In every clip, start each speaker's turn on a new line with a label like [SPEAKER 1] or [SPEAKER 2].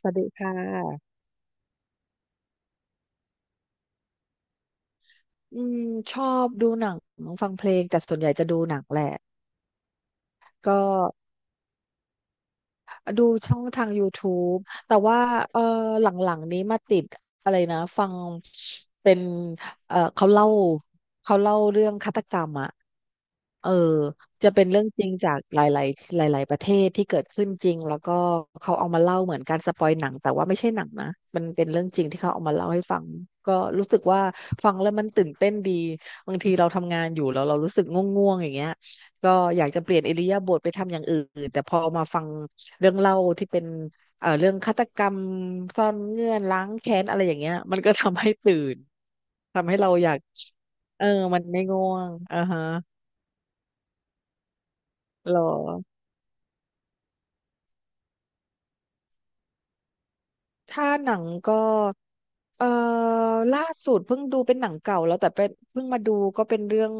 [SPEAKER 1] สวัสดีค่ะอืมชอบดูหนังฟังเพลงแต่ส่วนใหญ่จะดูหนังแหละก็ ดูช่องทางยูทูบแต่ว่าเออหลังๆนี้มาติดอะไรนะฟังเป็นเออเขาเล่าเขาเล่าเรื่องฆาตกรรมอ่ะเออจะเป็นเรื่องจริงจากหลายๆหลายๆประเทศที่เกิดขึ้นจริงแล้วก็เขาเอามาเล่าเหมือนการสปอยหนังแต่ว่าไม่ใช่หนังนะมันเป็นเรื่องจริงที่เขาเอามาเล่าให้ฟังก็รู้สึกว่าฟังแล้วมันตื่นเต้นดีบางทีเราทำงานอยู่แล้วเรารู้สึกง่วงๆอย่างเงี้ยก็อยากจะเปลี่ยนอิริยาบถไปทำอย่างอื่นแต่พอมาฟัง เรื่องเล่าที่เป็นเรื่องฆาตกรรมซ่อนเงื่อนล้างแค้นอะไรอย่างเงี้ยมันก็ทำให้ตื่นทำให้เราอยากเออมันไม่ง่วงอ่าฮะหรอถ้าหนังก็เอ่อล่าสุดเพิ่งดูเป็นหนังเก่าแล้วแต่เป็นเพิ่งมาดูก็เป็นเรื่อง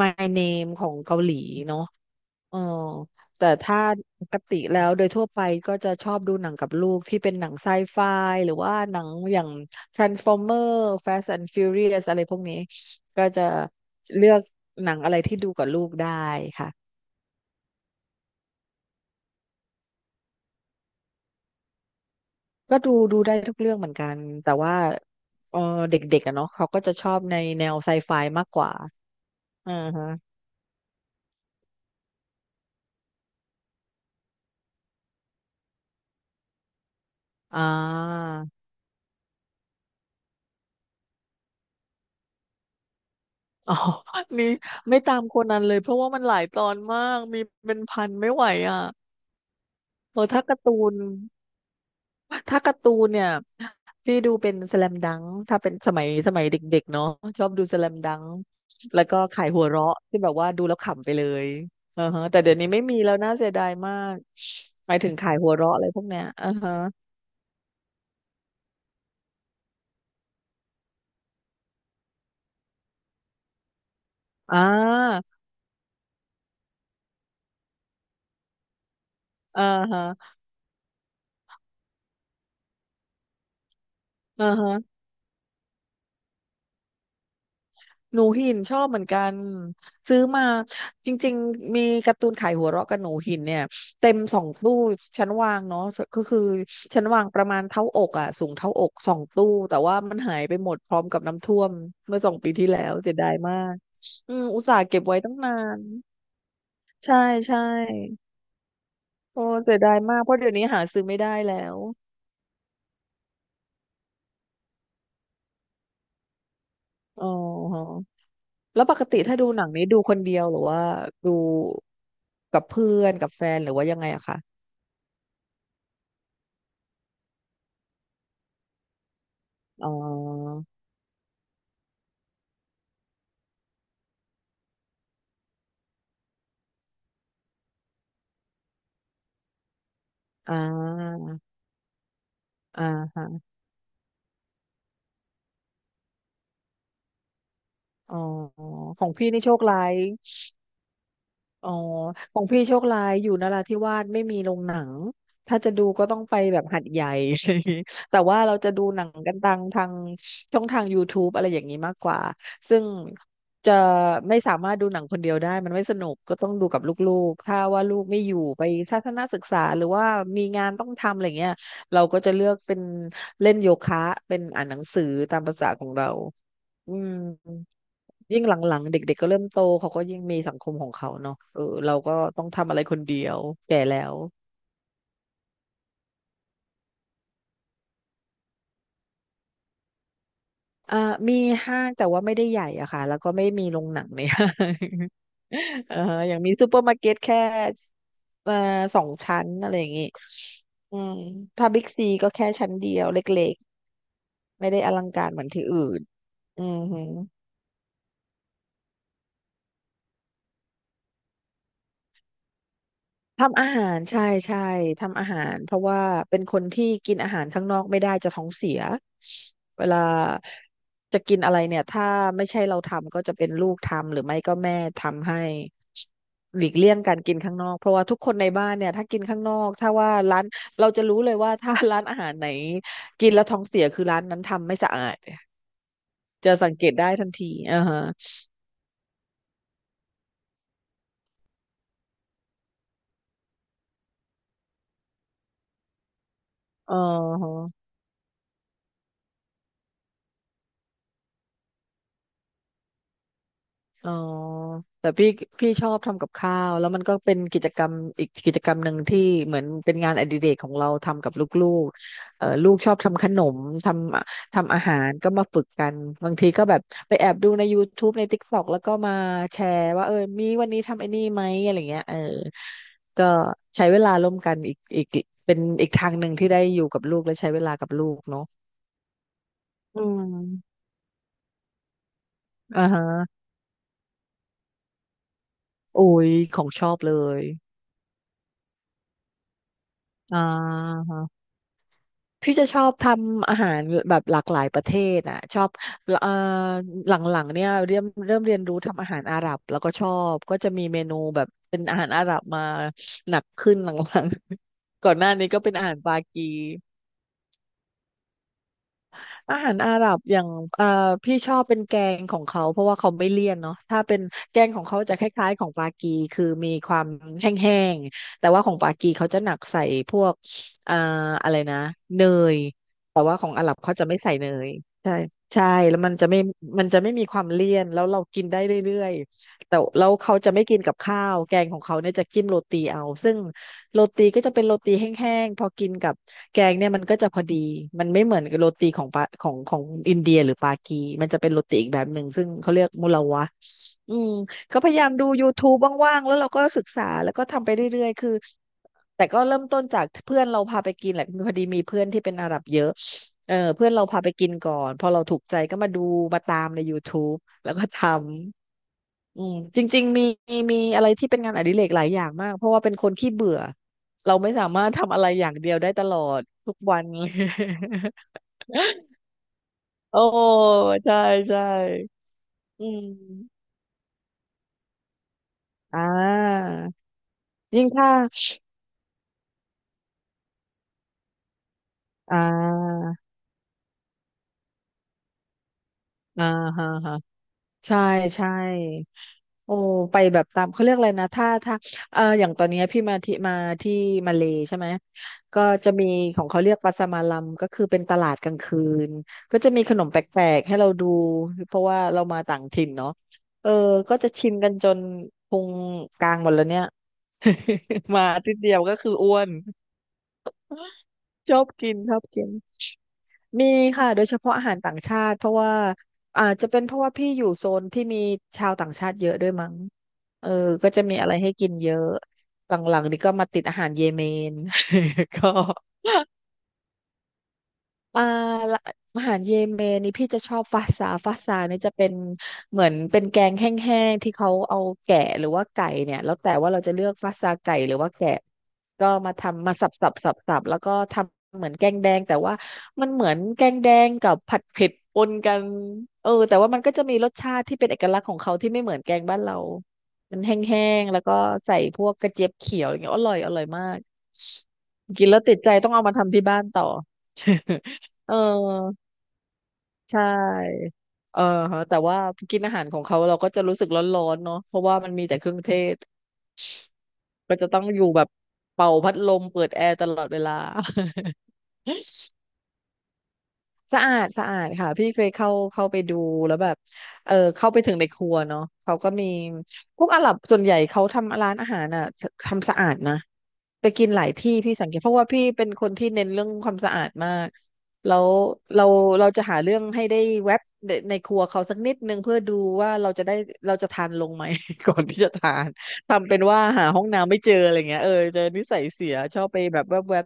[SPEAKER 1] My Name ของเกาหลีเนาะ เออแต่ถ้าปกติแล้วโดยทั่วไปก็จะชอบดูหนังกับลูกที่เป็นหนังไซไฟหรือว่าหนังอย่าง Transformer Fast and Furious อะไรพวกนี้ก็จะเลือกหนังอะไรที่ดูกับลูกได้ค่ะก็ดูได้ทุกเรื่องเหมือนกันแต่ว่าเออเด็กๆอะเนาะเขาก็จะชอบในแนวไซไฟมากกว่าอ่าฮะอ่า อ๋อ นี่ไม่ตามโคนนันเลยเพราะว่ามันหลายตอนมากมีเป็นพันไม่ไหวอ่ะเออถ้าการ์ตูน ถ้าการ์ตูนเนี่ยพี่ดูเป็นสแลมดังถ้าเป็นสมัยเด็กๆเนาะชอบดูสแลมดังแล้วก็ขายหัวเราะที่แบบว่าดูแล้วขำไปเลยอือฮะแต่เดี๋ยวนี้ไม่มีแล้วน่าเสียดายมากหมายถึงขายหัวเราะอะไรพวกเนี้ยอือฮะอ่าอ่าฮะอ่าฮะ หนูหินชอบเหมือนกันซื้อมาจริงๆมีการ์ตูนขายหัวเราะกับหนูหินเนี่ยเต็มสองตู้ชั้นวางเนาะก็คือชั้นวางประมาณเท่าอกอ่ะสูงเท่าอกสองตู้แต่ว่ามันหายไปหมดพร้อมกับน้ำท่วมเมื่อ2 ปีที่แล้วเสียดายมากอืมอุตส่าห์เก็บไว้ตั้งนานใช่ใช่โอ้เสียดายมากเพราะเดี๋ยวนี้หาซื้อไม่ได้แล้วอ๋อแล้วปกติถ้าดูหนังนี้ดูคนเดียวหรือว่าดูกับเพื่อนกับแฟนหรือว่ายังไงอะคะ อ๋ออ่า อ่าฮะอ๋อของพี่นี่โชคร้าย อ๋อของพี่โชคร้ายอยู่นราธิวาสไม่มีโรงหนังถ้าจะดูก็ต้องไปแบบหัดใหญ่ อะไรอย่างงี้แต่ว่าเราจะดูหนังกันทางช่องทาง YouTube อะไรอย่างนี้มากกว่าซึ่งจะไม่สามารถดูหนังคนเดียวได้มันไม่สนุกก็ต้องดูกับลูกๆถ้าว่าลูกไม่อยู่ไปทัศนศึกษาหรือว่ามีงานต้องทำอะไรเงี้ยเราก็จะเลือกเป็นเล่นโยคะเป็นอ่านหนังสือตามภาษาของเราอืม ยิ่งหลังๆเด็กๆก็เริ่มโตเขาก็ยิ่งมีสังคมของเขาเนาะเราก็ต้องทำอะไรคนเดียวแก่แล้วอ่ามีห้างแต่ว่าไม่ได้ใหญ่อะค่ะแล้วก็ไม่มีโรงหนังในห้าง เอ่อ อย่างมีซูเปอร์มาร์เก็ตแค่เอ่อ2 ชั้นอะไรอย่างงี้อืมถ้าบิ๊กซีก็แค่ชั้นเดียวเล็กๆไม่ได้อลังการเหมือนที่อื่นอือหือ ทำอาหารใช่ใช่ทำอาหารเพราะว่าเป็นคนที่กินอาหารข้างนอกไม่ได้จะท้องเสียเวลาจะกินอะไรเนี่ยถ้าไม่ใช่เราทำก็จะเป็นลูกทำหรือไม่ก็แม่ทำให้หลีกเลี่ยงการกินข้างนอกเพราะว่าทุกคนในบ้านเนี่ยถ้ากินข้างนอกถ้าว่าร้านเราจะรู้เลยว่าถ้าร้านอาหารไหนกินแล้วท้องเสียคือร้านนั้นทำไม่สะอาดจะสังเกตได้ทันทีอ่าฮะอ๋อ อ๋อแต่พี่ชอบทำกับข้าว แล้วมันก็เป็นกิจกรรมอีกกิจกรรมหนึ่งที่เหมือนเป็นงานอดิเรกของเราทำกับลูกๆลูกชอบทำขนมททำอาหารก็มาฝึกกันบางทีก็แบบไปแอบดูใน YouTube ใน TikTok แล้วก็มาแชร์ว่ามีวันนี้ทำไอ้นี่ไหมอะไรเงี้ยก็ใช้เวลาร่วมกันอีกเป็นอีกทางหนึ่งที่ได้อยู่กับลูกและใช้เวลากับลูกเนาะอืมอ่าฮะโอ้ยของชอบเลยอ่า พี่จะชอบทำอาหารแบบหลากหลายประเทศอ่ะชอบเอ่อหลังๆเนี่ยเริ่มเรียนรู้ทำอาหารอาหรับแล้วก็ชอบก็จะมีเมนูแบบเป็นอาหารอาหรับมาหนักขึ้นหลังๆ ก่อนหน้านี้ก็เป็นอาหารปากีอาหารอาหรับอย่างเอ่อพี่ชอบเป็นแกงของเขาเพราะว่าเขาไม่เลี่ยนเนาะถ้าเป็นแกงของเขาจะคล้ายๆของปากีคือมีความแห้งๆแต่ว่าของปากีเขาจะหนักใส่พวกเอ่ออะไรนะเนย ว่าของอาหรับเขาจะไม่ใส่เนยใช่ใช่แล้วมันจะไม่มันจะไม่มีความเลี่ยนแล้วเรากินได้เรื่อยๆแต่แล้วเขาจะไม่กินกับข้าวแกงของเขาเนี่ยจะจิ้มโรตีเอาซึ่งโรตีก็จะเป็นโรตีแห้งๆพอกินกับแกงเนี่ยมันก็จะพอดีมันไม่เหมือนกับโรตีของปาของของอินเดียหรือปากีมันจะเป็นโรตีอีกแบบหนึ่งซึ่งเขาเรียกมุลาวะอืม ก็พยายามดู YouTube ว่างๆแล้วเราก็ศึกษาแล้วก็ทำไปเรื่อยๆคือแต่ก็เริ่มต้นจากเพื่อนเราพาไปกินแหละพอดีมีเพื่อนที่เป็นอาหรับเยอะเออเพื่อนเราพาไปกินก่อนพอเราถูกใจก็มาดูมาตามใน YouTube แล้วก็ทำอืมจริงๆมีมีอะไรที่เป็นงานอดิเรกหลายอย่างมากเพราะว่าเป็นคนขี้เบื่อเราไม่สามารถทำอะไรอย่างเดียวได้ตลอดทุกวัน เลย โอ้ใช่ใช่อืมอ่ายิ่งถ้าอ่า อ่าฮะฮะใช่ใช่โอ้ไปแบบตามเขาเรียกอะไรนะถ้าถ้าเอออย่างตอนเนี้ยพี่มาที่มาที่มาเลใช่ไหมก็จะมีของเขาเรียกปาสมาลัมก็คือเป็นตลาดกลางคืนก็จะมีขนมแปลกๆให้เราดูเพราะว่าเรามาต่างถิ่นเนาะเออก็จะชิมกันจนพุงกลางหมดแล้วเนี่ย มาอาทิตย์เดียวก็คืออ้วนชอบกินชอบกิน มีค่ะโดยเฉพาะอาหารต่างชาติเพราะว่าอาจจะเป็นเพราะว่าพี่อยู่โซนที่มีชาวต่างชาติเยอะด้วยมั้งเออก็จะมีอะไรให้กินเยอะหลังๆนี่ก็มาติดอาหารเยเมน ก็ อ่าละอาหารเยเมนนี่พี่จะชอบฟาซาฟาซาเนี่ยจะเป็นเหมือนเป็นแกงแห้งๆที่เขาเอาแกะหรือว่าไก่เนี่ยแล้วแต่ว่าเราจะเลือกฟาซาไก่หรือว่าแกะก็มาทำมาสับสับสับสับแล้วก็ทำเหมือนแกงแดงแต่ว่ามันเหมือนแกงแดงกับผัดเผ็ดปนกันเออแต่ว่ามันก็จะมีรสชาติที่เป็นเอกลักษณ์ของเขาที่ไม่เหมือนแกงบ้านเรา มันแห้งๆแล้วก็ใส่พวกกระเจี๊ยบเขียวอย่างเงี้ยอร่อยอร่อยมากกินแล้วติดใจต้องเอามาทำที่บ้านต่อ เออใช่เออฮะแต่ว่ากินอาหารของเขาเราก็จะรู้สึกร้อนๆเนาะเพราะว่ามันมีแต่เครื่องเทศก็จะต้องอยู่แบบเป่าพัดลมเปิดแอร์ตลอดเวลา สะอาดสะอาดค่ะพี่เคยเข้าไปดูแล้วแบบเออเข้าไปถึงในครัวเนาะเขาก็มีพวกอาหรับส่วนใหญ่เขาทำร้านอาหารอ่ะทำสะอาดนะไปกินหลายที่พี่สังเกตเพราะว่าพี่เป็นคนที่เน้นเรื่องความสะอาดมากแล้วเราเราจะหาเรื่องให้ได้แวบในครัวเขาสักนิดนึงเพื่อดูว่าเราจะได้เราจะทานลงไหม ก่อนที่จะทาน ทำเป็นว่าหาห้องน้ำไม่เจออะไรเงี้ยเออเจอนิสัยเสียชอบไปแบบแวบแวบ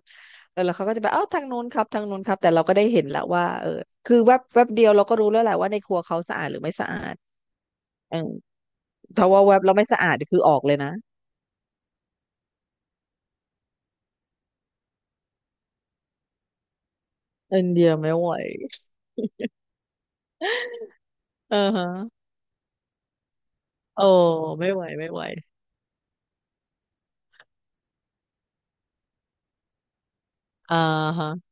[SPEAKER 1] เออแล้วเขาก็จะไปเอ้าทางนู้นครับทางนู้นครับแต่เราก็ได้เห็นแล้วว่าเออคือแวบแวบเดียวเราก็รู้แล้วแหละว่าในครัวเขาสะอาดหรือไม่สะอาดเออถ้าว่าแวบเราไม่สะอาดคือออกเลยนะอินเดียไม่ไหวเออฮะโอ้ไม่ไหวไม่ไหวอ่าฮะ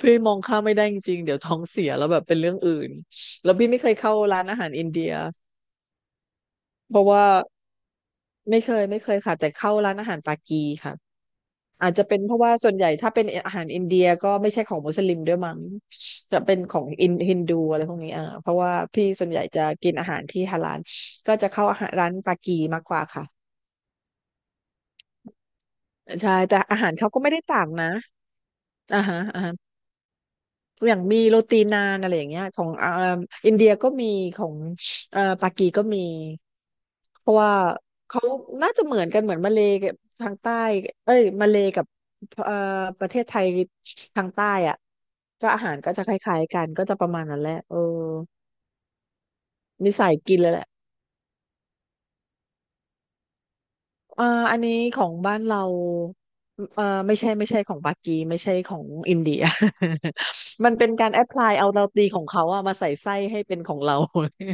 [SPEAKER 1] พี่มองข้ามไม่ได้จริงๆเดี๋ยวท้องเสียแล้วแบบเป็นเรื่องอื่นแล้วพี่ไม่เคยเข้าร้านอาหารอินเดียเพราะว่าไม่เคยไม่เคยค่ะแต่เข้าร้านอาหารปากีค่ะ อาจจะเป็นเพราะว่าส่วนใหญ่ถ้าเป็นอาหารอินเดียก็ไม่ใช่ของมุสลิมด้วยมั้งจะเป็นของอินฮินดูอะไรพวกนี้อ่าเพราะว่าพี่ส่วนใหญ่จะกินอาหารที่ฮาลาลก็จะเข้าอาหารร้านปากีมากกว่าค่ะใช่แต่อาหารเขาก็ไม่ได้ต่างนะอ่าฮะอ่าฮะ อย่างมีโรตีนานอะไรอย่างเงี้ยของเอ่าอินเดียก็มีของปากีก็มีเพราะว่าเขาน่าจะเหมือนกันเหมือนมาเลย์กับทางใต้เอ้ยมาเลย์กับเอ่อประเทศไทยทางใต้อ่ะก็อาหารก็จะคล้ายๆกันก็จะประมาณนั้นแหละเออมีสายกินเลยแหละเอ่ออันนี้ของบ้านเราไม่ใช่ไม่ใช่ของปากีไม่ใช่ของอินเดีย มันเป็นการแอพพลายเอาโรตีของเขาอะมาใส่ไส้ให้เป็นของเรา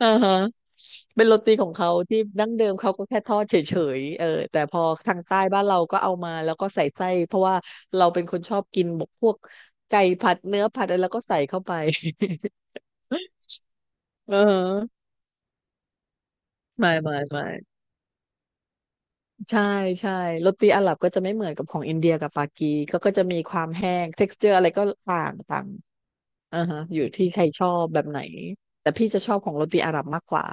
[SPEAKER 1] อ่าฮะเป็นโรตีของเขาที่ดั้งเดิมเขาก็แค่ทอดเฉยๆเออแต่พอทางใต้บ้านเราก็เอามาแล้วก็ใส่ไส้เพราะว่าเราเป็นคนชอบกินบกพวกไก่ผัดเนื้อผัดอะไรแล้วก็ใส่เข้าไป เออไม่ไม่ไม่ใช่ใช่โรตีอาหรับก็จะไม่เหมือนกับของอินเดียกับปากีก็ก็จะมีความแห้ง texture อร์อะไรก็ต่างต่างอ่าฮะอยู่ที่ใครชอบแบบไหน แต่พี่จะชอบของโรตีอาหรับมากกว่า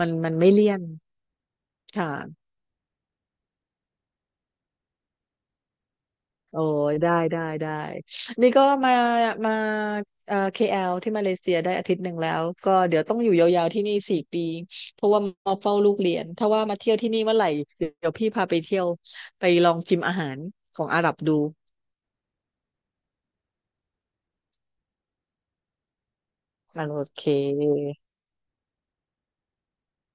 [SPEAKER 1] มันมันไม่เลี่ยนค่ะ โอ้ยได้ได้ได้นี่ก็มามาk ลที่มาเลเซียได้1 อาทิตย์แล้วก็เดี๋ยวต้องอยู่ยาวๆที่นี่4 ปีเพราะว่ามาเฝ้าลูกเรียนถ้าว่ามาเที่ยวที่นี่เมื่อไหร่เดี๋ยวพี่พาไปเที่ยวไปลองชิมอาหารของอาหรับดูอ่ะโอเค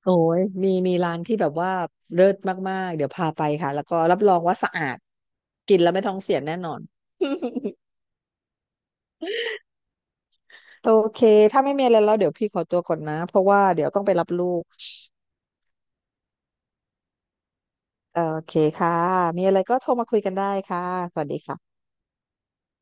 [SPEAKER 1] โอ้ยมีมีร้านที่แบบว่าเลิศมากๆเดี๋ยวพาไปค่ะแล้วก็รับรองว่าสะอาดกินแล้วไม่ท้องเสียแน่นอน โอเคถ้าไม่มีอะไรแล้วเดี๋ยวพี่ขอตัวก่อนนะเพราะว่าเดี๋ยวต้องไปรับลูก โอเคค่ะ มีอะไรก็โทรมาคุยกันได้ค่ะ สวัสดีค่ะ